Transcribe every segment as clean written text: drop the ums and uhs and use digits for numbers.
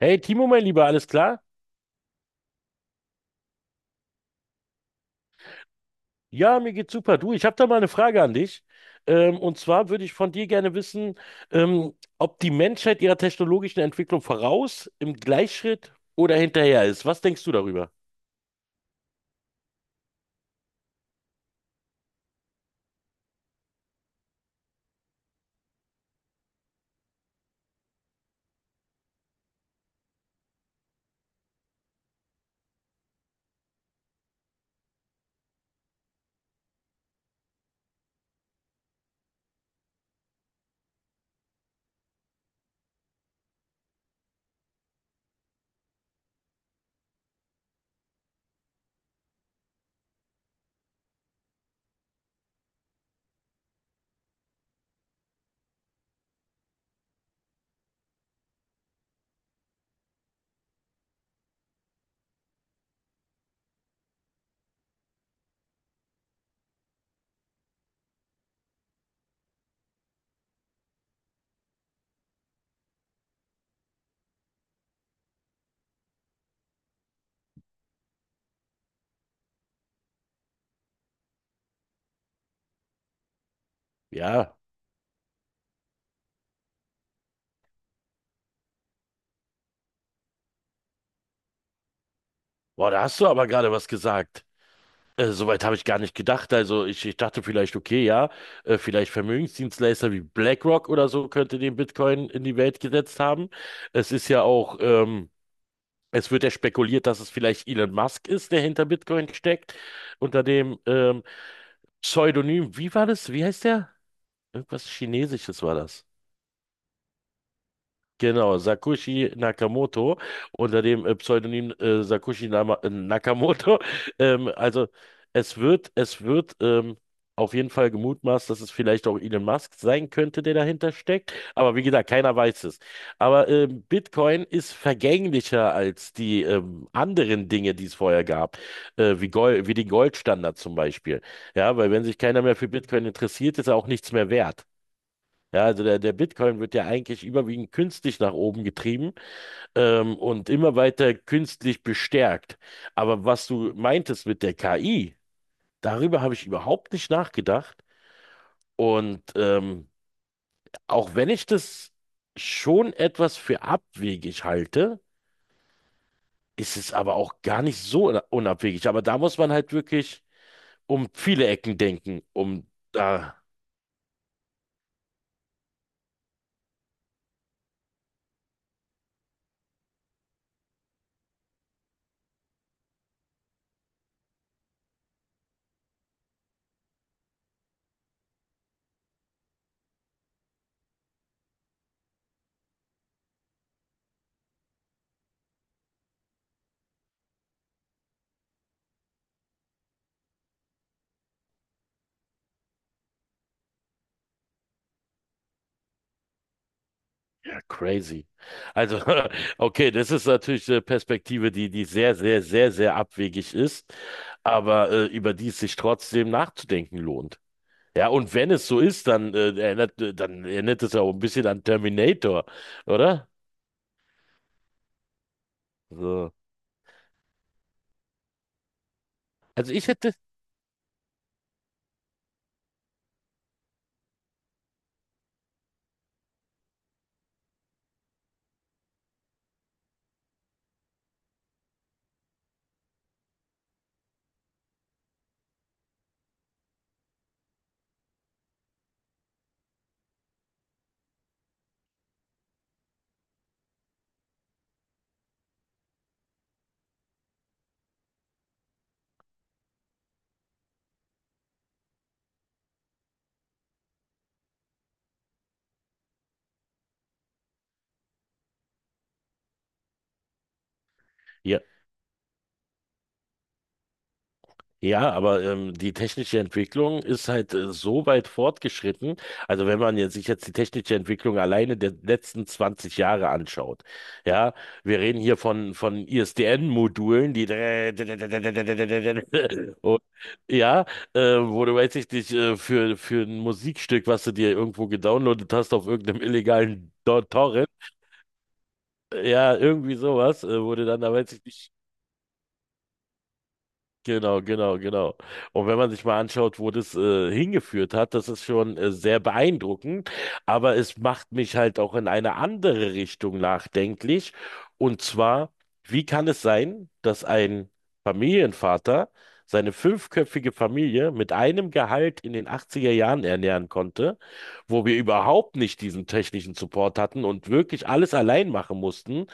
Hey Timo, mein Lieber, alles klar? Ja, mir geht's super. Du, ich habe da mal eine Frage an dich. Und zwar würde ich von dir gerne wissen, ob die Menschheit ihrer technologischen Entwicklung voraus, im Gleichschritt oder hinterher ist. Was denkst du darüber? Ja, boah, da hast du aber gerade was gesagt. Soweit habe ich gar nicht gedacht. Also ich dachte vielleicht, okay, ja, vielleicht Vermögensdienstleister wie BlackRock oder so könnte den Bitcoin in die Welt gesetzt haben. Es ist ja auch ähm, Es wird ja spekuliert, dass es vielleicht Elon Musk ist, der hinter Bitcoin steckt, unter dem Pseudonym, wie war das? Wie heißt der? Irgendwas Chinesisches war das. Genau, Sakushi Nakamoto unter dem Pseudonym Sakushi Nama Nakamoto. Also es wird auf jeden Fall gemutmaßt, dass es vielleicht auch Elon Musk sein könnte, der dahinter steckt. Aber wie gesagt, keiner weiß es. Aber Bitcoin ist vergänglicher als die anderen Dinge, die es vorher gab, wie Gold, wie den Goldstandard zum Beispiel. Ja, weil wenn sich keiner mehr für Bitcoin interessiert, ist er auch nichts mehr wert. Ja, also der Bitcoin wird ja eigentlich überwiegend künstlich nach oben getrieben, und immer weiter künstlich bestärkt. Aber was du meintest mit der KI, darüber habe ich überhaupt nicht nachgedacht. Und auch wenn ich das schon etwas für abwegig halte, ist es aber auch gar nicht so unabwegig. Aber da muss man halt wirklich um viele Ecken denken, um da. Ja, crazy. Also, okay, das ist natürlich eine Perspektive, die sehr, sehr, sehr, sehr abwegig ist, aber über die es sich trotzdem nachzudenken lohnt. Ja, und wenn es so ist, dann erinnert es ja auch ein bisschen an Terminator, oder? So. Also ich hätte, ja. Ja, aber die technische Entwicklung ist halt so weit fortgeschritten. Also wenn man sich jetzt die technische Entwicklung alleine der letzten 20 Jahre anschaut, ja, wir reden hier von ISDN-Modulen, die und, ja, wo du weiß ich nicht, für ein Musikstück, was du dir irgendwo gedownloadet hast auf irgendeinem illegalen Torrent, ja, irgendwie sowas, wo du dann, da weiß ich nicht. Genau, genau, genau. Und wenn man sich mal anschaut, wo das hingeführt hat, das ist schon sehr beeindruckend, aber es macht mich halt auch in eine andere Richtung nachdenklich. Und zwar, wie kann es sein, dass ein Familienvater seine fünfköpfige Familie mit einem Gehalt in den 80er Jahren ernähren konnte, wo wir überhaupt nicht diesen technischen Support hatten und wirklich alles allein machen mussten?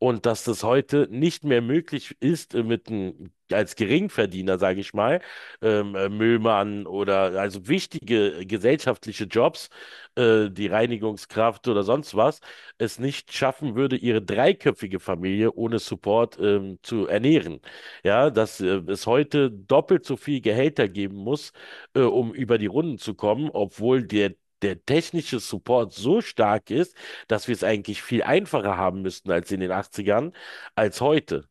Und dass das heute nicht mehr möglich ist, mit einem, als Geringverdiener, sage ich mal, Müllmann oder also wichtige gesellschaftliche Jobs, die Reinigungskraft oder sonst was, es nicht schaffen würde, ihre dreiköpfige Familie ohne Support zu ernähren. Ja, dass es heute doppelt so viel Gehälter geben muss, um über die Runden zu kommen, obwohl der technische Support so stark ist, dass wir es eigentlich viel einfacher haben müssten als in den 80ern, als heute.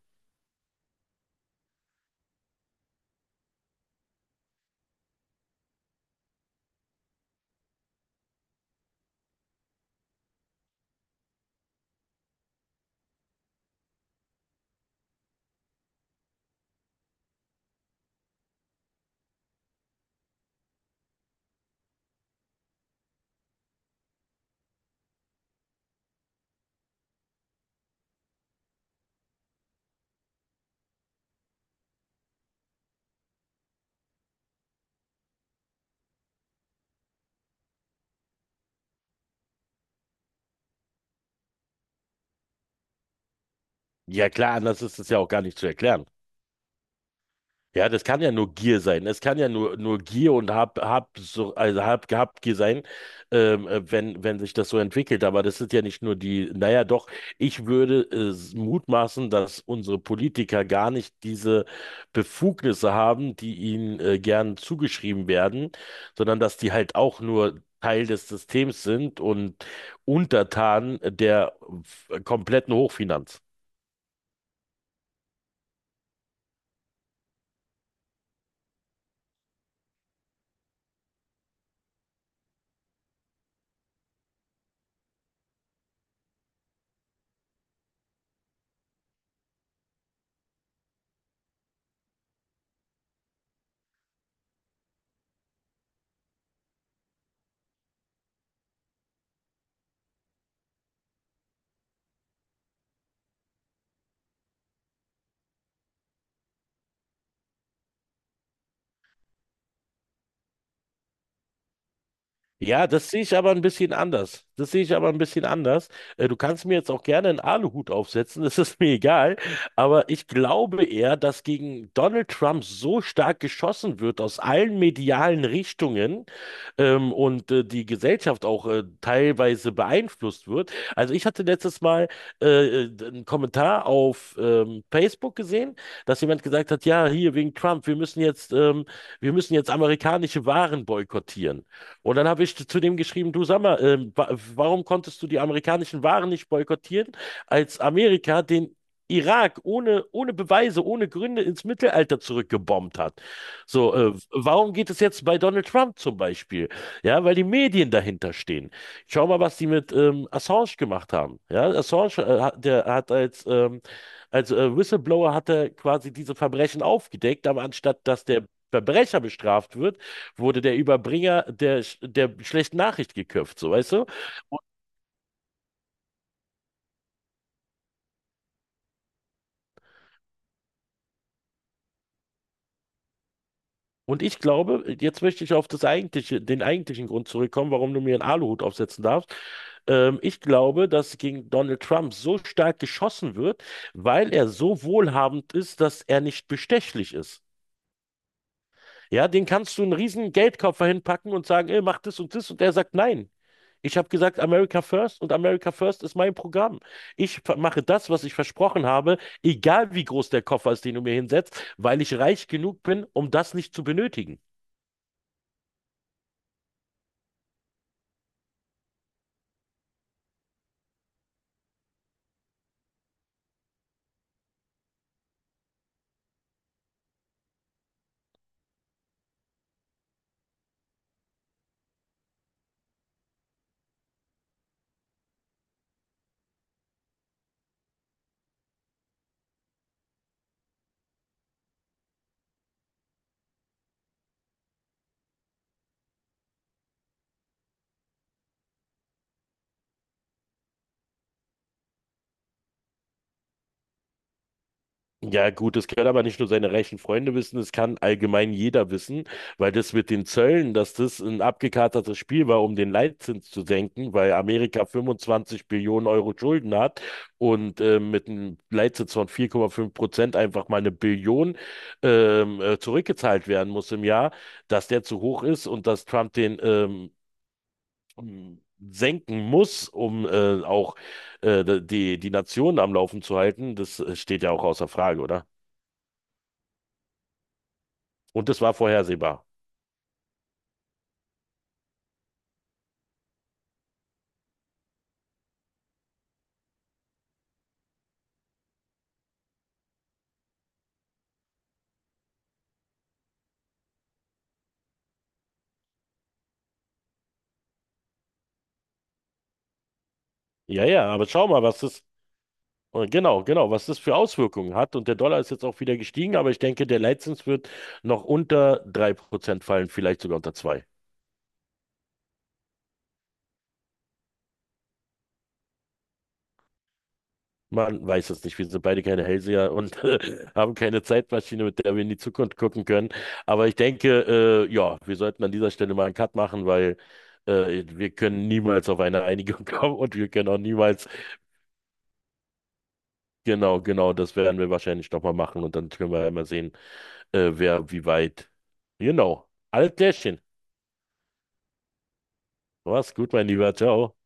Ja klar, anders ist es ja auch gar nicht zu erklären. Ja, das kann ja nur Gier sein. Es kann ja nur Gier und so, also hab Gier sein, wenn sich das so entwickelt. Aber das ist ja nicht nur die, naja, doch, ich würde mutmaßen, dass unsere Politiker gar nicht diese Befugnisse haben, die ihnen gern zugeschrieben werden, sondern dass die halt auch nur Teil des Systems sind und untertan der kompletten Hochfinanz. Ja, das sehe ich aber ein bisschen anders. Das sehe ich aber ein bisschen anders. Du kannst mir jetzt auch gerne einen Aluhut aufsetzen, das ist mir egal. Aber ich glaube eher, dass gegen Donald Trump so stark geschossen wird aus allen medialen Richtungen und die Gesellschaft auch teilweise beeinflusst wird. Also ich hatte letztes Mal einen Kommentar auf Facebook gesehen, dass jemand gesagt hat, ja, hier wegen Trump, wir müssen jetzt amerikanische Waren boykottieren. Und dann habe ich zu dem geschrieben, du sag mal, wa warum konntest du die amerikanischen Waren nicht boykottieren, als Amerika den Irak ohne Beweise, ohne Gründe ins Mittelalter zurückgebombt hat. So, warum geht es jetzt bei Donald Trump zum Beispiel? Ja, weil die Medien dahinter stehen. Schau mal, was die mit Assange gemacht haben. Ja, Assange, der hat als Whistleblower hat er quasi diese Verbrechen aufgedeckt, aber anstatt dass der Verbrecher bestraft wird, wurde der Überbringer der schlechten Nachricht geköpft, so weißt du? Und ich glaube, jetzt möchte ich auf den eigentlichen Grund zurückkommen, warum du mir einen Aluhut aufsetzen darfst. Ich glaube, dass gegen Donald Trump so stark geschossen wird, weil er so wohlhabend ist, dass er nicht bestechlich ist. Ja, den kannst du einen riesen Geldkoffer hinpacken und sagen, ey, mach das und das. Und der sagt, nein. Ich habe gesagt, America First und America First ist mein Programm. Ich mache das, was ich versprochen habe, egal wie groß der Koffer ist, den du mir hinsetzt, weil ich reich genug bin, um das nicht zu benötigen. Ja, gut, das können aber nicht nur seine reichen Freunde wissen, es kann allgemein jeder wissen, weil das mit den Zöllen, dass das ein abgekatertes Spiel war, um den Leitzins zu senken, weil Amerika 25 Billionen Euro Schulden hat und mit einem Leitzins von 4,5% einfach mal 1 Billion zurückgezahlt werden muss im Jahr, dass der zu hoch ist und dass Trump den m- senken muss, um auch die Nation am Laufen zu halten, das steht ja auch außer Frage, oder? Und das war vorhersehbar. Ja, ja, aber schau mal, genau, genau, was das für Auswirkungen hat. Und der Dollar ist jetzt auch wieder gestiegen, aber ich denke, der Leitzins wird noch unter 3% fallen, vielleicht sogar unter 2. Man weiß es nicht. Wir sind beide keine Hellseher und haben keine Zeitmaschine, mit der wir in die Zukunft gucken können. Aber ich denke, ja, wir sollten an dieser Stelle mal einen Cut machen, weil wir können niemals auf eine Einigung kommen und wir können auch niemals, genau, genau, das werden wir wahrscheinlich nochmal machen und dann können wir ja mal sehen, wer wie weit. Genau. Alles klärchen. Mach's gut, mein Lieber. Ciao.